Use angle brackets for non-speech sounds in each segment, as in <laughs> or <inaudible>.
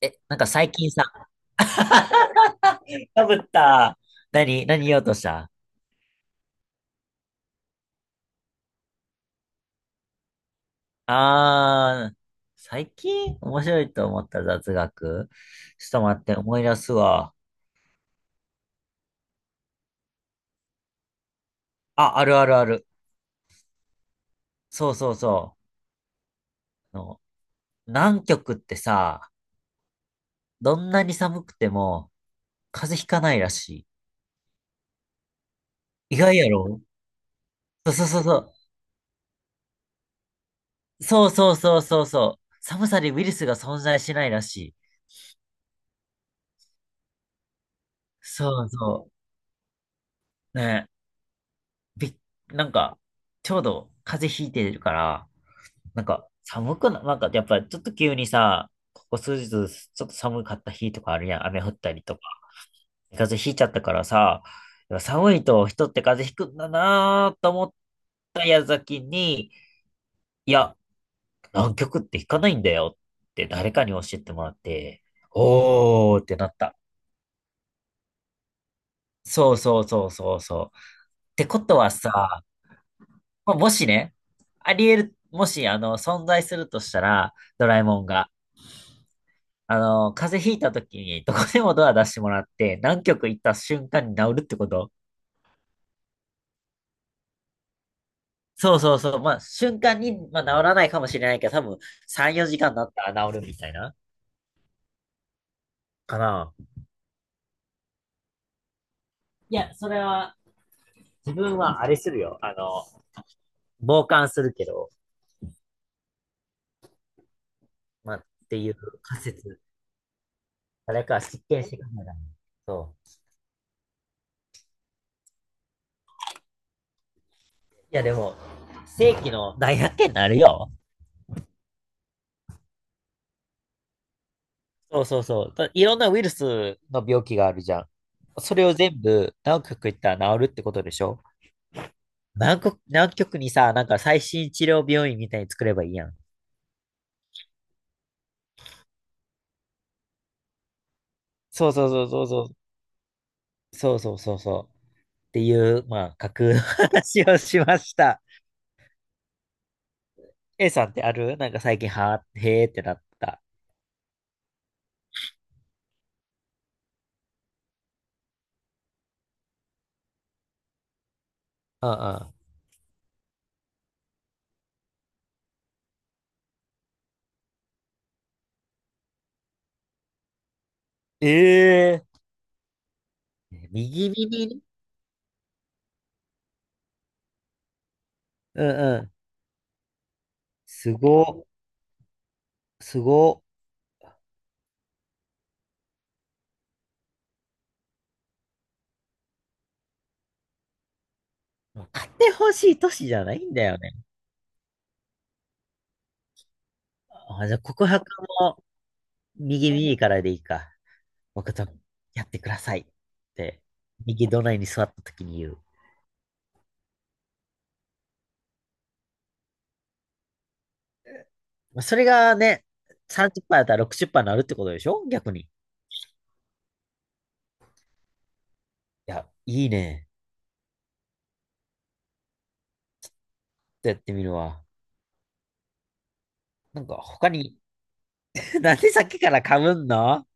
え、なんか最近さ、<laughs> かぶった。何言おうとした？あー、最近面白いと思った雑学？ちょっと待って、思い出すわ。あ、あるあるある。そうそうそう。南極ってさ、どんなに寒くても風邪ひかないらしい。意外やろ？そうそうそうそう。そうそうそうそうそう。寒さにウイルスが存在しないらしい。そうそう。ね、びっ、なんか、ちょうど風邪ひいてるから、なんか、寒くな、なんか、やっぱ、ちょっと急にさ、ここ数日、ちょっと寒かった日とかあるやん。雨降ったりとか。風邪ひいちゃったからさ、やっぱ寒いと人って風邪ひくんだなーと思った矢先に、いや、南極ってひかないんだよって誰かに教えてもらって、おーってなった。そうそうそうそうそう。ってことはさ、まあもしね、あり得る、もし、存在するとしたら、ドラえもんが、風邪ひいた時にどこでもドア出してもらって、何極行った瞬間に治るってこと？そうそうそう。まあ、瞬間に、まあ、治らないかもしれないけど、多分3、4時間だったら治るみたいな。かな。いや、それは、自分はあれするよ。傍観するけど、まあ、っていう仮説。誰か実験してくれない？そう。いや、でも、世紀の大発見になるよ。そうそうそう。だいろんなウイルスの病気があるじゃん。それを全部、何極行ったら治るってことでしょ？南国、南極にさ、なんか最新治療病院みたいに作ればいいやん。そうそうそうそうそう。そうそうそうそう。っていう、まあ、架空の話をしました。A さんってある？なんか最近、はー、へーってなった。うんうん。ええ。右耳に、うんうん。すご、すご。買ってほしい都市じゃないんだよね。あ、じゃあ告白も右耳からでいいか。僕とやってくださいって、右隣に座った時に言う。まあそれがね、30%やったら60%になるってことでしょ？逆に。いや、いいね。ちょっとやってみるわ。なんか他に？<laughs> なんでさっきから噛むんの？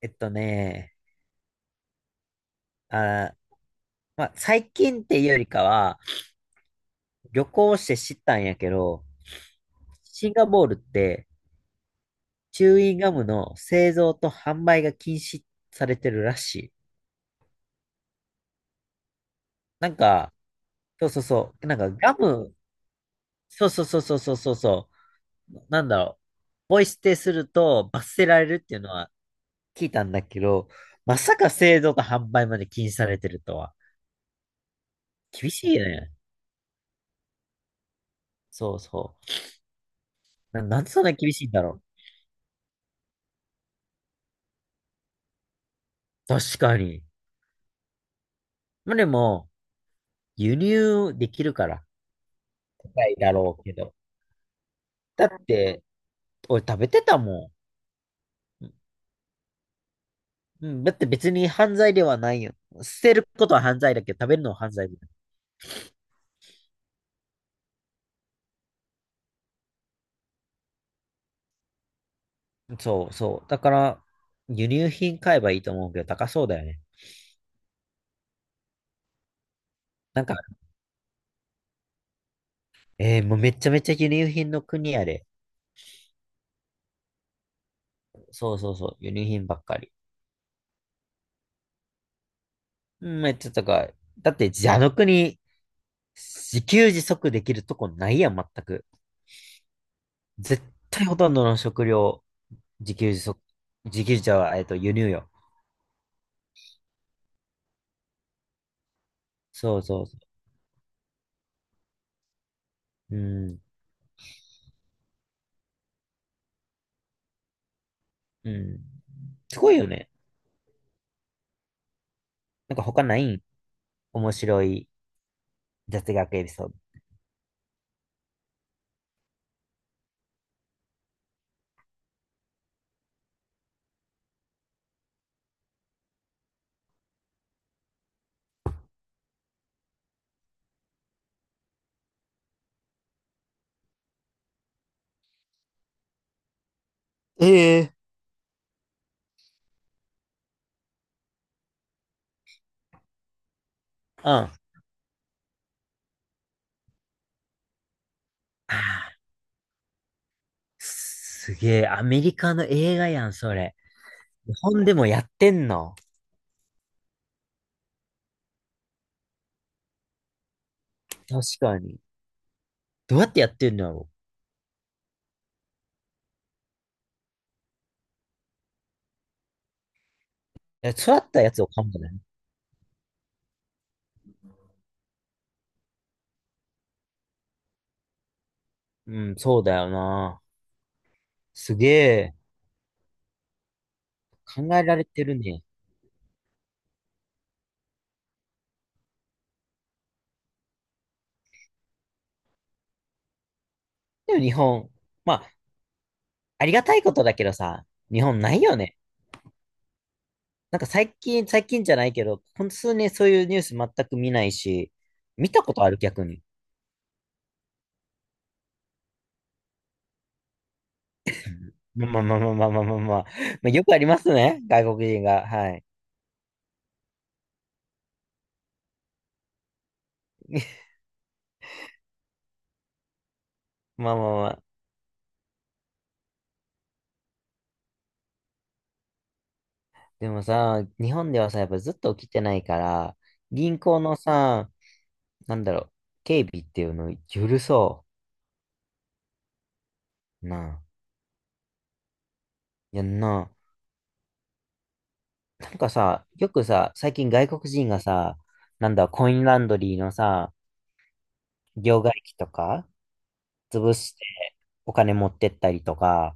えっとね、あー、まあ、最近っていうよりかは、旅行して知ったんやけど、シンガポールってチューインガムの製造と販売が禁止されてるらしい。なんか、そうそうそう、なんかガム、そうそうそうそうそうそう、なんだろう、ポイ捨てすると罰せられるっていうのは聞いたんだけど、まさか製造と販売まで禁止されてるとは。厳しいね。そうそう。なんでそんな厳しいんだろう？確かに。まあ、でも、輸入できるから、高いだろうけど。だって、俺食べてたもん。うん、だって別に犯罪ではないよ。捨てることは犯罪だけど、食べるのは犯罪だ？そうそう。だから、輸入品買えばいいと思うけど、高そうだよね。なんか、もうめちゃめちゃ輸入品の国やで。そうそうそう、輸入品ばっかり。めっちゃ高い。だって、あの国、自給自足できるとこないやん、全く。絶対ほとんどの食料、自給自足、自給自足は、輸入よ。そうそうそう。うん、うん。すごいよね。なんか他ないん？面白い雑学エピソード？ええ。うん。ああ、すげえ、アメリカの映画やん、それ。日本でもやってんの？確かに。どうやってやってんのやろ？え、育ったやつを買うんだね。うん、そうだよな。すげえ、考えられてるね。でも日本、まあ、ありがたいことだけどさ、日本ないよね。なんか最近、最近じゃないけど、この数年そういうニュース全く見ないし、見たことある？逆に。まあまあまあまあまあまあまあ、まあ、よくありますね、外国人が。はい。<laughs> まあまあまあ。でもさ、日本ではさ、やっぱずっと起きてないから、銀行のさ、なんだろう、警備っていうのを許そう。なあ。やんな。なんかさ、よくさ、最近外国人がさ、なんだ、コインランドリーのさ、両替機とか、潰してお金持ってったりとか、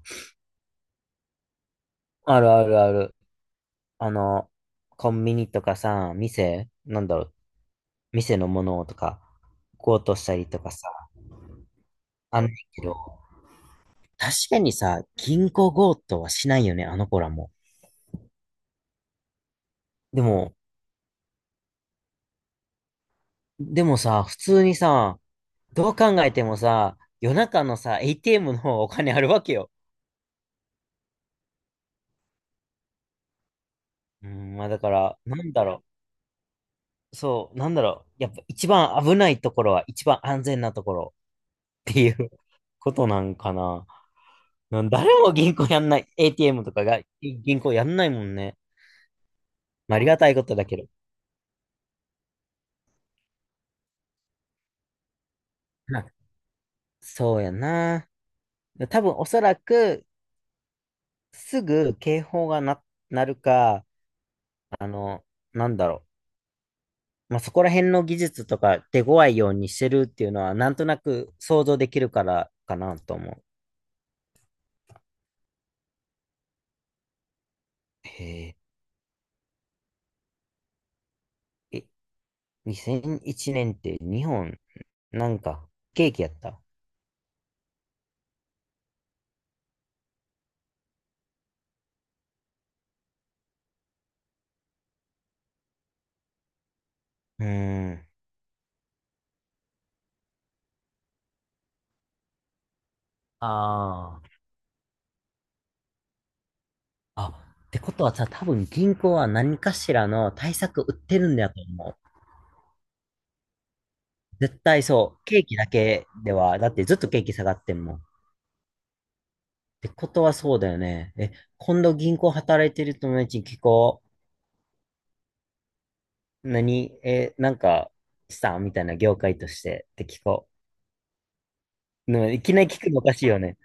あるあるある。あの、コンビニとかさ、なんだろう、店のものとか、強盗したりとかさ、あんねんけど、確かにさ、銀行強盗はしないよね、あの子らも。でも、でもさ、普通にさ、どう考えてもさ、夜中のさ、ATM の方がお金あるわけよ。うん、まあだから、なんだろう。そう、なんだろう。やっぱ一番危ないところは一番安全なところっていう <laughs> ことなんかな。誰も銀行やんない。ATM とかが銀行やんないもんね。まあ、ありがたいことだけど。な、そうやな。多分おそらくすぐ警報がな、なるか、あの、なんだろう。まあ、そこら辺の技術とか手強いようにしてるっていうのはなんとなく想像できるからかなと思う。へえ。え2001年って日本、なんか、ケーキやった。うーん。ああ。あ、ってことはさ、多分銀行は何かしらの対策売ってるんだと思う。絶対そう。ケーキだけでは、だってずっとケーキ下がってんもん。ってことはそうだよね。え、今度銀行働いてる友達に聞こう。なんか、したみたいな業界としてって聞こう。でもいきなり聞くのおかしいよね。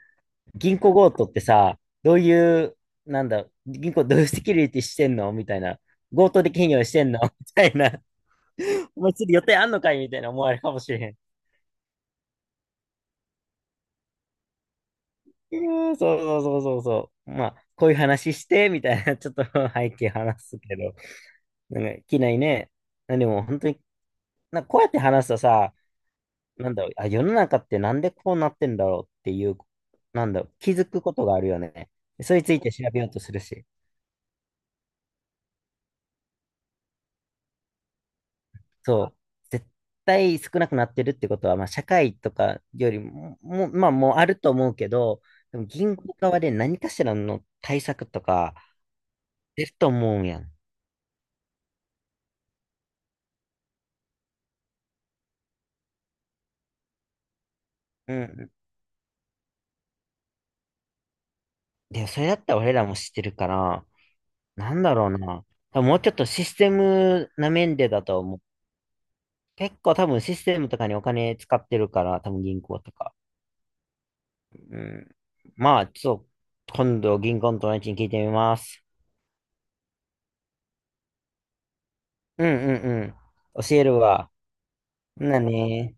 銀行強盗ってさ、どういう、なんだ、銀行どういうセキュリティしてんのみたいな。強盗で企業してんの <laughs> みたいな。<laughs> お前次予定あんのかいみたいな思われるかもしれへん。うーん、そうそうそうそうそう。まあ、こういう話して、みたいな、ちょっと <laughs> 背景話すけど。なんか、機内ね。でも本当に、なんかこうやって話すとさ、なんだろう、あ、世の中ってなんでこうなってんだろうっていう、なんだろう、気づくことがあるよね。それについて調べようとするし。そう。絶対少なくなってるってことは、まあ、社会とかよりも、もう、まあ、もうあると思うけど、でも銀行側で何かしらの対策とか出ると思うやん。うん。で、それだったら俺らも知ってるから、なんだろうな。多分もうちょっとシステムな面でだと思う。結構多分システムとかにお金使ってるから、多分銀行とか。うん。まあ、ちょっと、今度銀行の友達に聞いてみます。うんうんうん。教えるわ。ほんなね。